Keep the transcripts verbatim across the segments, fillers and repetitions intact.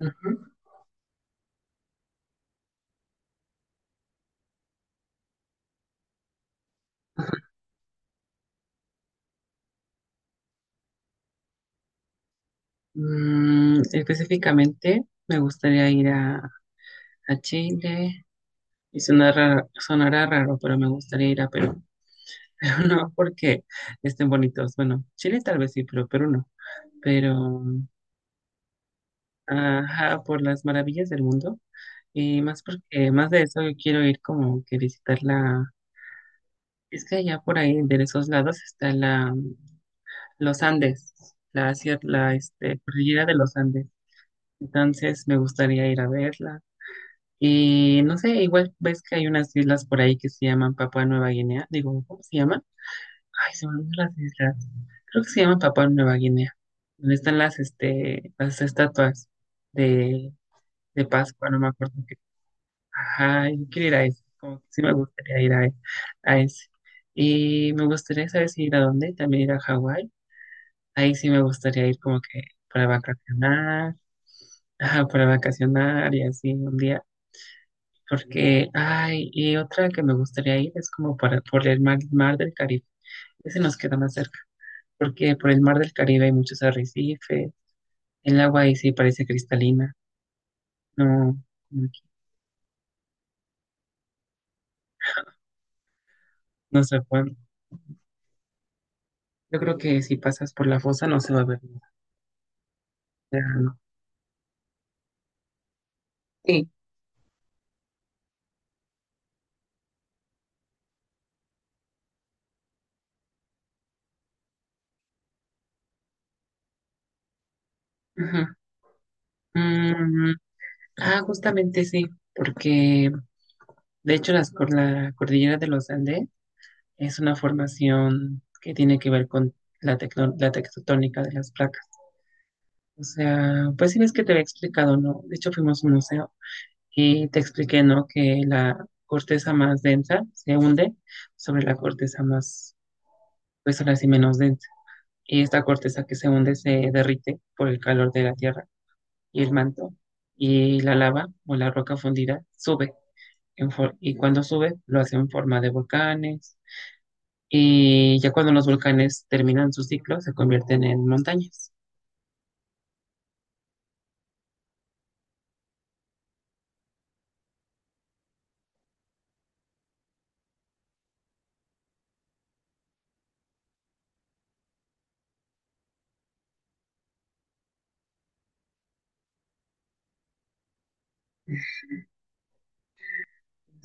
Ujú. Mm, específicamente me gustaría ir a, a Chile y sonará, sonará raro, pero me gustaría ir a Perú. Pero no porque estén bonitos. Bueno, Chile tal vez sí, pero Perú no. Pero, ajá, por las maravillas del mundo. Y más porque, más de eso, yo quiero ir como que visitar la... Es que allá por ahí, de esos lados, está la, los Andes, la, cier- la este, cordillera de los Andes. Entonces me gustaría ir a verla. Y no sé, igual ves que hay unas islas por ahí que se llaman Papua Nueva Guinea. Digo, ¿cómo se llaman? Ay, se me olvidan las islas. Creo que se llaman Papua Nueva Guinea. Donde están las, este, las estatuas de, de Pascua, no me acuerdo qué. Ajá, yo quiero ir a eso. Como que sí me gustaría ir a, e- a ese. Y me gustaría saber si ir a dónde, también ir a Hawái. Ahí sí me gustaría ir como que para vacacionar, ajá, para vacacionar y así un día. Porque, ay, y otra que me gustaría ir es como para, por el mar, mar del Caribe. Ese nos queda más cerca, porque por el mar del Caribe hay muchos arrecifes. El agua ahí sí parece cristalina. No, no, no se puede. Yo creo que si pasas por la fosa no se va a ver nada, o sea, no. Sí. Ajá. Mm, ah, justamente sí, porque de hecho las, cor- la cordillera de los Andes es una formación que tiene que ver con la, tecno- la tectotónica de las placas. O sea, pues sí ves que te había explicado, ¿no? De hecho, fuimos a un museo y te expliqué, ¿no? Que la corteza más densa se hunde sobre la corteza más, pues ahora sí menos densa. Y esta corteza que se hunde se derrite por el calor de la tierra y el manto. Y la lava o la roca fundida sube. En for- y cuando sube, lo hace en forma de volcanes. Y ya cuando los volcanes terminan su ciclo, se convierten en montañas.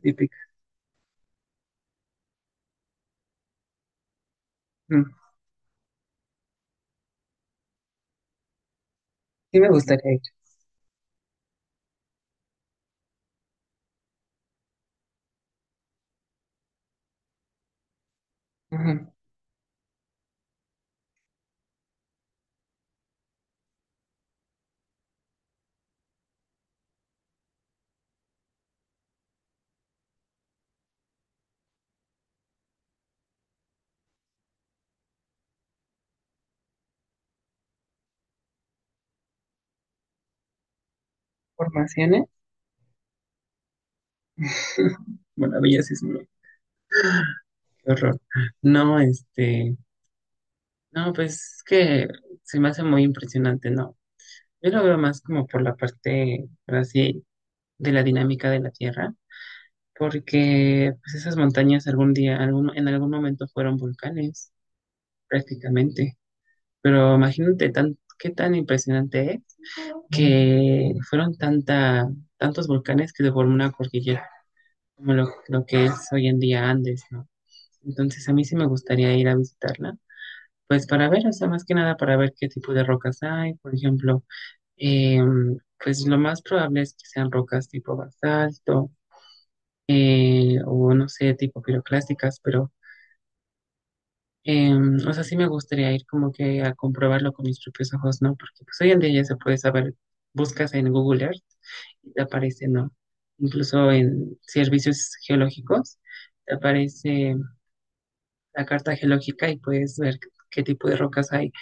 Típica. Mm. Sí me gustaría ir. Ujú. Formaciones. Bueno, belleza es Sismo, qué horror. No, este, no, pues es que se me hace muy impresionante, ¿no? Yo lo veo más como por la parte, por así, de la dinámica de la Tierra, porque pues, esas montañas algún día, algún, en algún momento fueron volcanes, prácticamente. Pero imagínate tan, qué tan impresionante es que fueron tanta, tantos volcanes que deformó una cordillera, como lo, lo que es hoy en día Andes, ¿no? Entonces a mí sí me gustaría ir a visitarla. Pues para ver, o sea, más que nada para ver qué tipo de rocas hay, por ejemplo, eh, pues lo más probable es que sean rocas tipo basalto, eh, o no sé, tipo piroclásticas, pero, eh, o sea, sí me gustaría ir como que a comprobarlo con mis propios ojos, ¿no? Porque pues hoy en día ya se puede saber, buscas en Google Earth y te aparece, ¿no? Incluso en servicios geológicos te aparece la carta geológica y puedes ver qué tipo de rocas hay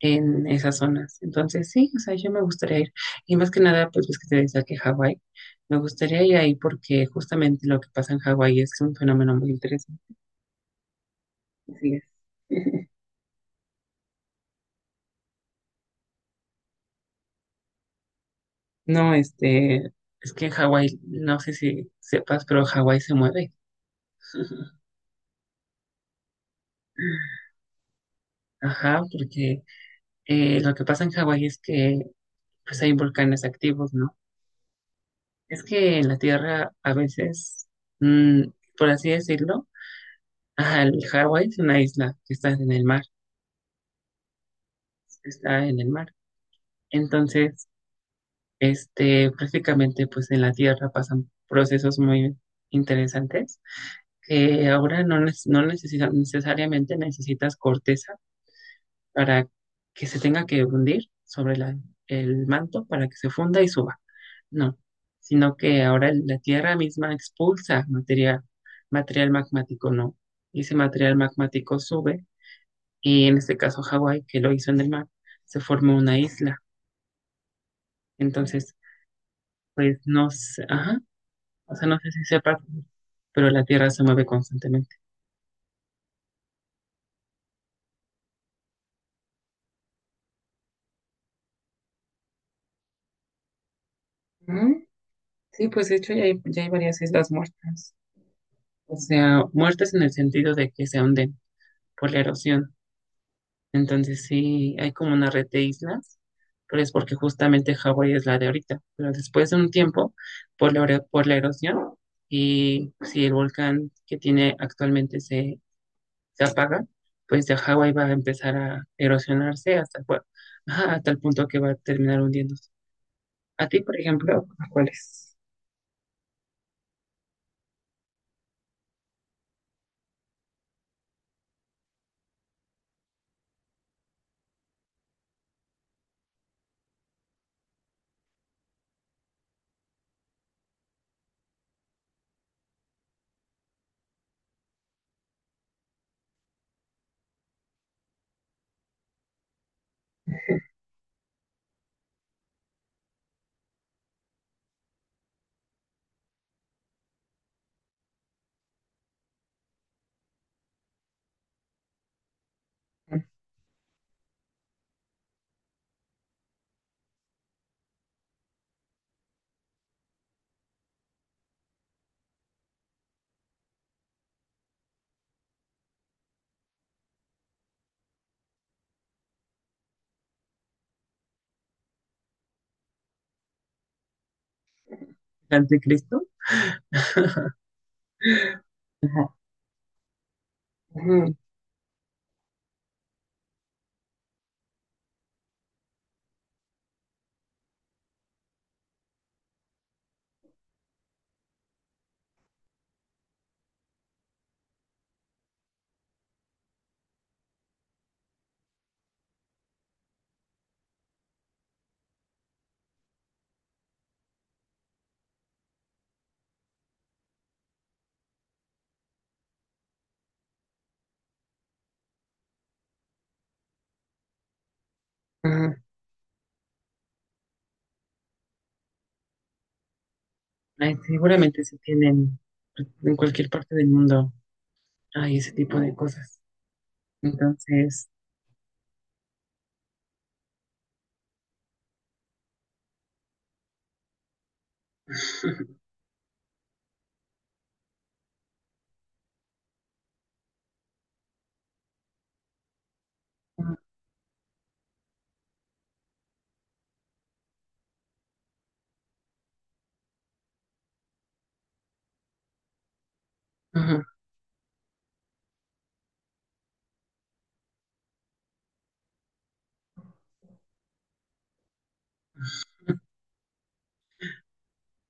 en esas zonas. Entonces, sí, o sea, yo me gustaría ir. Y más que nada, pues ves que te decía que Hawái, me gustaría ir ahí porque justamente lo que pasa en Hawái es un fenómeno muy interesante. Así es. No, este, es que en Hawái, no sé si sepas, pero Hawái se mueve. Ajá, porque eh, lo que pasa en Hawái es que pues hay volcanes activos, ¿no? Es que en la Tierra a veces, mm, por así decirlo, ajá, el Hawái es una isla que está en el mar. Está en el mar. Entonces, este, prácticamente pues en la Tierra pasan procesos muy interesantes que ahora no, neces- no necesita- necesariamente necesitas corteza para que se tenga que hundir sobre la- el manto para que se funda y suba. No, sino que ahora el- la Tierra misma expulsa materia- material magmático, ¿no? Y ese material magmático sube y en este caso Hawái, que lo hizo en el mar, se formó una isla. Entonces, pues no sé, ajá, o sea, no sé si sepa, pero la Tierra se mueve constantemente. Mm, sí, pues de hecho ya hay, ya hay varias islas muertas, o sea, muertas en el sentido de que se hunden por la erosión. Entonces sí, hay como una red de islas, pero es porque justamente Hawái es la de ahorita, pero después de un tiempo, por la, ero- por la erosión, y si el volcán que tiene actualmente se se apaga, pues de Hawái va a empezar a erosionarse hasta, el ajá, hasta el punto que va a terminar hundiéndose. A ti, por ejemplo, ¿cuál es? ¿El anticristo? Ajá. Ujú, ujú. Ay, seguramente se tienen en cualquier parte del mundo. Hay ese tipo de cosas. Entonces, ujú, ujú.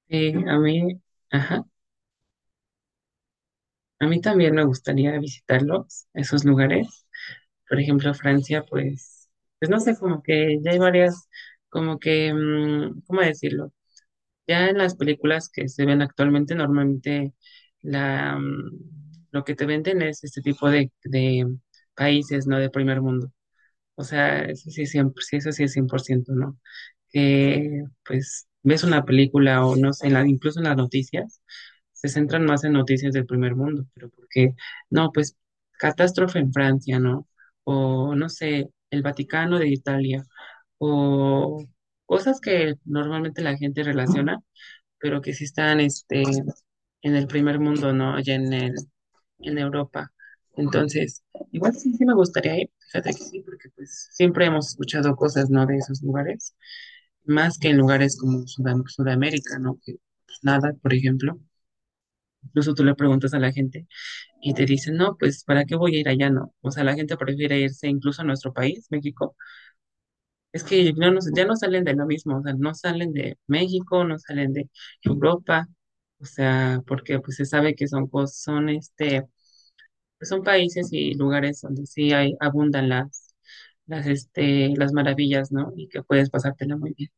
Sí, a mí, ajá, a mí también me gustaría visitarlos, esos lugares. Por ejemplo, Francia, pues, pues no sé, como que ya hay varias, como que, mm, ¿cómo decirlo? Ya en las películas que se ven actualmente, normalmente la, mm, lo que te venden es este tipo de, de países, ¿no? De primer mundo. O sea, eso sí es cien por ciento, sí, eso sí es cien por ciento, ¿no? Que pues ves una película o no sé, en la- incluso en las noticias, se centran más en noticias del primer mundo, pero porque, no, pues catástrofe en Francia, ¿no? O no sé, el Vaticano de Italia, o cosas que normalmente la gente relaciona pero que sí están este, en el primer mundo, ¿no? Allá en, el, en Europa. Entonces, igual sí, sí me gustaría ir, fíjate que sí, porque pues siempre hemos escuchado cosas, ¿no? De esos lugares, más que en lugares como Sudam- Sudamérica, ¿no? Que pues, nada, por ejemplo. Incluso tú le preguntas a la gente y te dicen, no, pues, ¿para qué voy a ir allá, no? O sea, la gente prefiere irse incluso a nuestro país, México, es que ya no, ya no salen de lo mismo, o sea, no salen de México, no salen de Europa, o sea, porque pues se sabe que son, cos- son este, pues, son países y lugares donde sí hay, abundan las, las, este, las maravillas, ¿no? Y que puedes pasártela muy bien.